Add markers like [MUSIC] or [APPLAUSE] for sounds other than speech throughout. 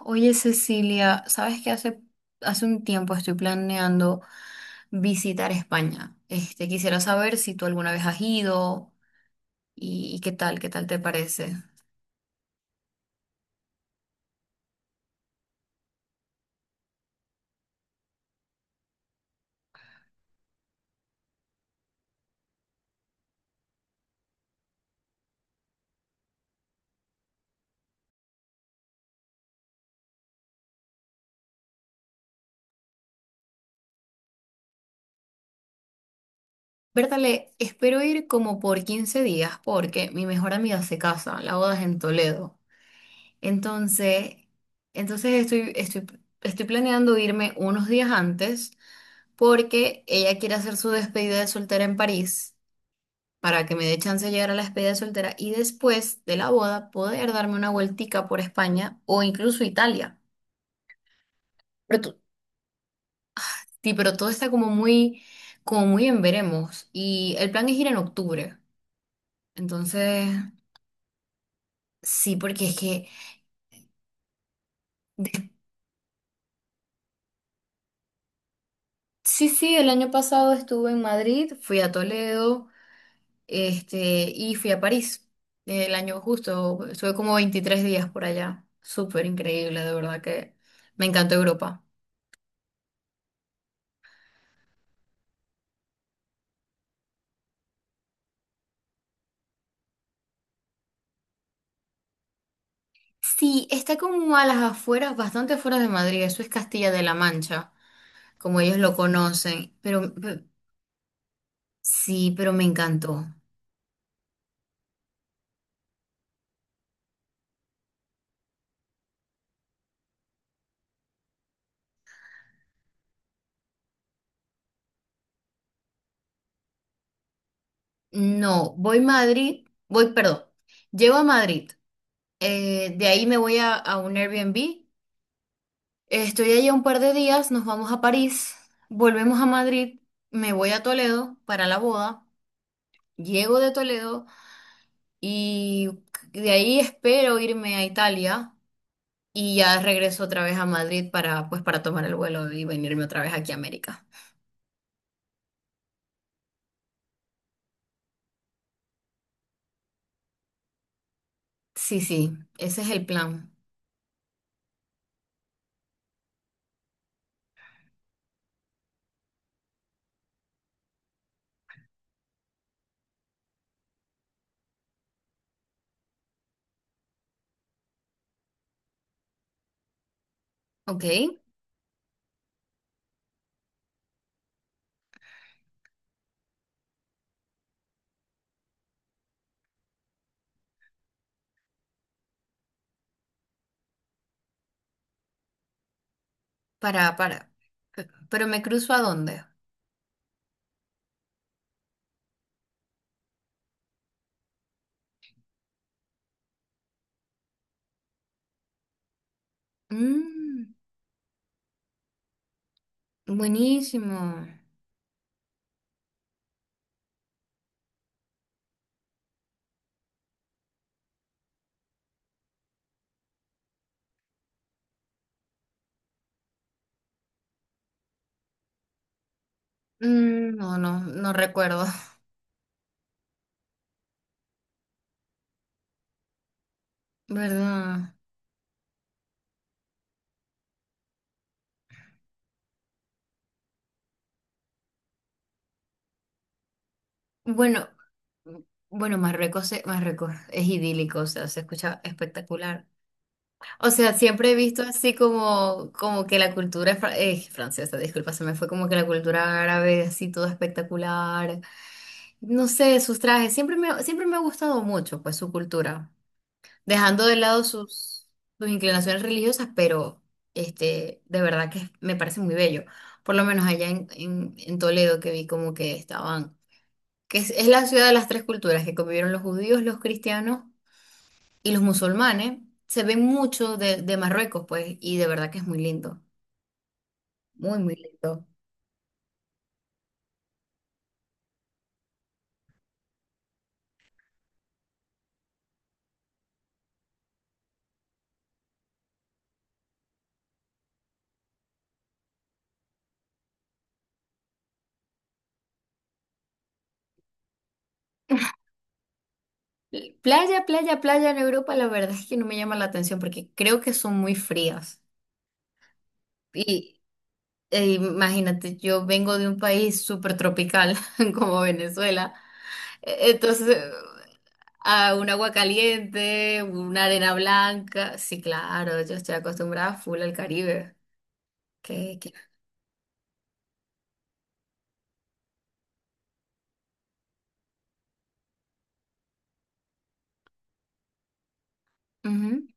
Oye, Cecilia, sabes que hace un tiempo estoy planeando visitar España. Quisiera saber si tú alguna vez has ido y qué tal te parece. Bertale, espero ir como por 15 días porque mi mejor amiga se casa, la boda es en Toledo. Entonces, entonces estoy planeando irme unos días antes porque ella quiere hacer su despedida de soltera en París, para que me dé chance de llegar a la despedida de soltera y después de la boda poder darme una vueltica por España o incluso Italia. Pero, to- sí, pero todo está como muy en veremos y el plan es ir en octubre. Entonces sí, porque es que, de- sí, sí, el año pasado estuve en Madrid, fui a Toledo, y fui a París. El año justo, estuve como 23 días por allá. Súper increíble, de verdad que me encantó Europa. Sí, está como a las afueras, bastante afuera de Madrid, eso es Castilla de la Mancha, como ellos lo conocen, sí, pero me encantó. No, voy a Madrid, voy, perdón, llego a Madrid, de ahí me voy a un Airbnb, estoy allá un par de días, nos vamos a París, volvemos a Madrid, me voy a Toledo para la boda, llego de Toledo y de ahí espero irme a Italia y ya regreso otra vez a Madrid para, pues, para tomar el vuelo y venirme otra vez aquí a América. Sí, sí, ese es el plan. Ok, para. ¿Pero me cruzo a dónde? Mm, buenísimo. Mm, no, no, no recuerdo. [LAUGHS] ¿Verdad? Bueno, bueno, Marruecos es idílico, o sea, se escucha espectacular. O sea, siempre he visto así como, como que la cultura es francesa, disculpa, se me fue, como que la cultura árabe, así todo espectacular. No sé, sus trajes. Siempre me ha gustado mucho, pues, su cultura. Dejando de lado sus inclinaciones religiosas, pero de verdad que me parece muy bello. Por lo menos allá en Toledo que vi como que estaban, es la ciudad de las tres culturas, que convivieron los judíos, los cristianos y los musulmanes. Se ve mucho de Marruecos, pues, y de verdad que es muy lindo. Muy lindo. Playa en Europa, la verdad es que no me llama la atención porque creo que son muy frías. Y e imagínate, yo vengo de un país súper tropical [LAUGHS] como Venezuela. Entonces, a un agua caliente, una arena blanca. Sí, claro, yo estoy acostumbrada full al Caribe. Que, que- Ujú.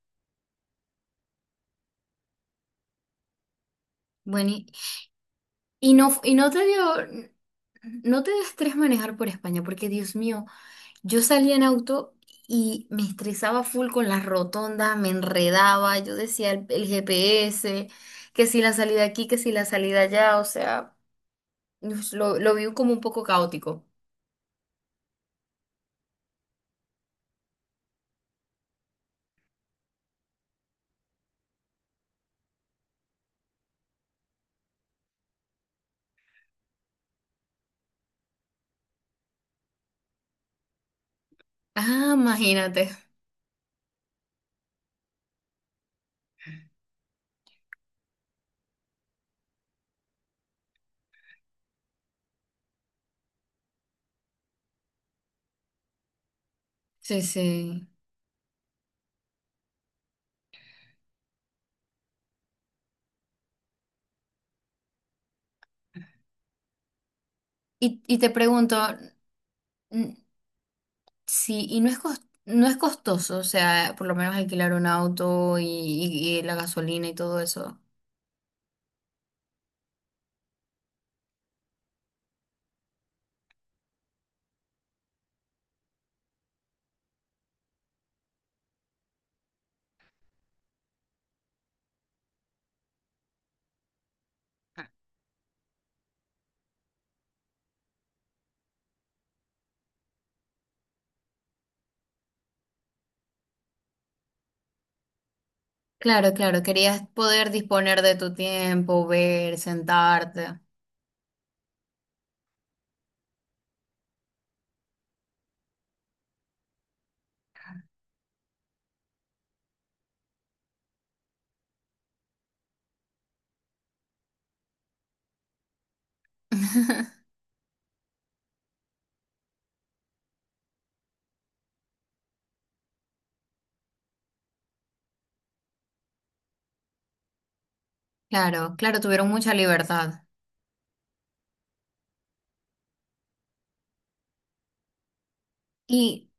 Bueno, y no te dio, no te da estrés manejar por España, porque Dios mío. Yo salía en auto y me estresaba full con las rotondas, me enredaba, yo decía el GPS, que si la salida aquí, que si la salida allá, o sea, lo vi como un poco caótico. Ah, imagínate. Sí, sí. Y te pregunto, mm, sí, y no es no es costoso, o sea, por lo menos alquilar un auto y la gasolina y todo eso. Claro, claro, querías poder disponer de tu tiempo, ver, sentarte. [LAUGHS] Claro, claro, tuvieron mucha libertad. Y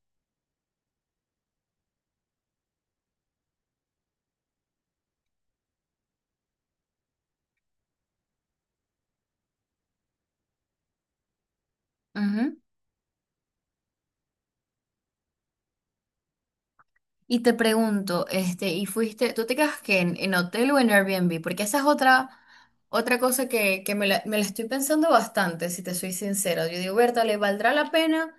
ujú, y te pregunto, ¿y fuiste, tú te quedas que en hotel o en Airbnb? Porque esa es otra cosa que me la estoy pensando bastante, si te soy sincera. Yo digo, Berta, ¿le valdrá la pena,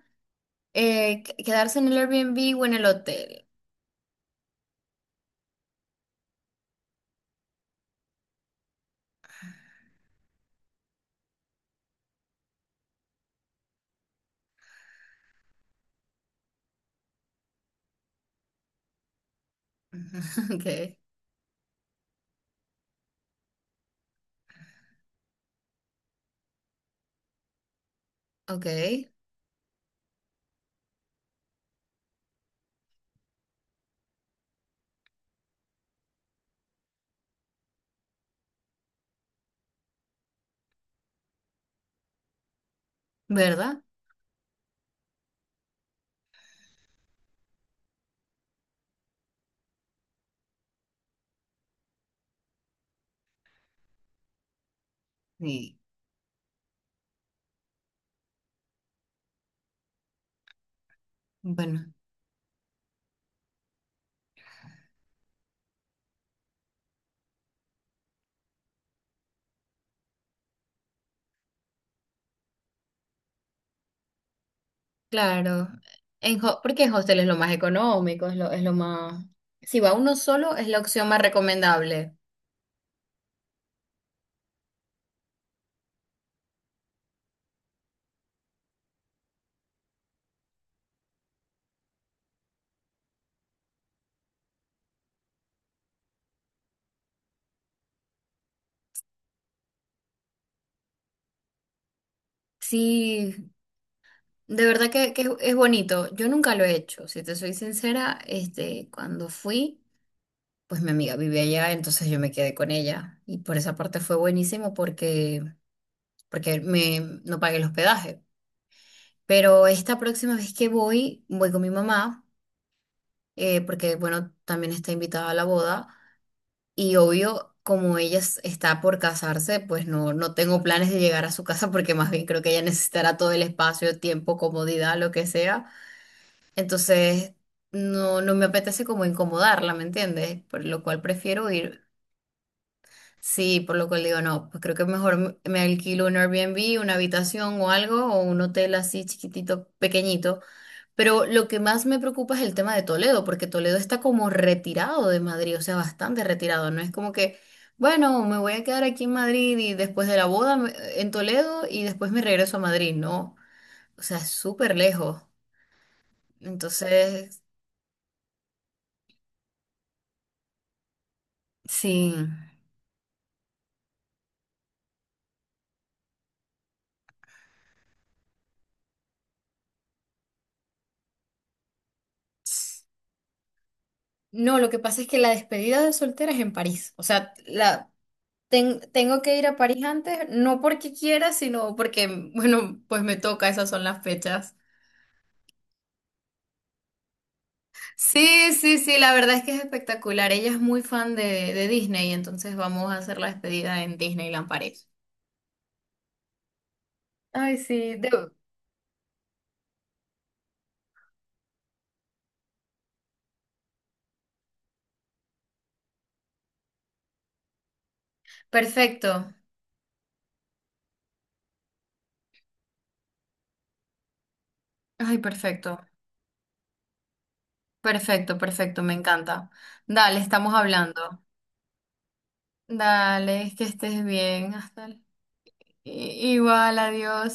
quedarse en el Airbnb o en el hotel? [LAUGHS] Okay, okay, ¿verdad? Sí. Bueno, claro. Porque en hostel es lo más económico, es lo más... Si va uno solo, es la opción más recomendable. Sí, de verdad que, es bonito. Yo nunca lo he hecho, si te soy sincera, cuando fui, pues mi amiga vivía allá, entonces yo me quedé con ella. Y por esa parte fue buenísimo porque, porque me, no pagué el hospedaje. Pero esta próxima vez que voy, voy con mi mamá, porque bueno, también está invitada a la boda. Y obvio, como ella está por casarse, pues no, no tengo planes de llegar a su casa porque más bien creo que ella necesitará todo el espacio, tiempo, comodidad, lo que sea. Entonces, no, no me apetece como incomodarla, ¿me entiendes? Por lo cual prefiero ir. Sí, por lo cual digo, no, pues creo que mejor me alquilo un Airbnb, una habitación o algo, o un hotel así chiquitito, pequeñito. Pero lo que más me preocupa es el tema de Toledo, porque Toledo está como retirado de Madrid, o sea, bastante retirado. No es como que, bueno, me voy a quedar aquí en Madrid y después de la boda me- en Toledo y después me regreso a Madrid, no. O sea, es súper lejos. Entonces, sí. No, lo que pasa es que la despedida de soltera es en París. O sea, la, tengo que ir a París antes, no porque quiera, sino porque, [LAUGHS] bueno, pues me toca, esas son las fechas. Sí, sí, sí, la verdad es que es espectacular. Ella es muy fan de Disney, entonces vamos a hacer la despedida en Disneyland París. Ay, sí, perfecto. Ay, perfecto. Perfecto, perfecto, me encanta. Dale, estamos hablando. Dale, que estés bien. Hasta. Igual, adiós.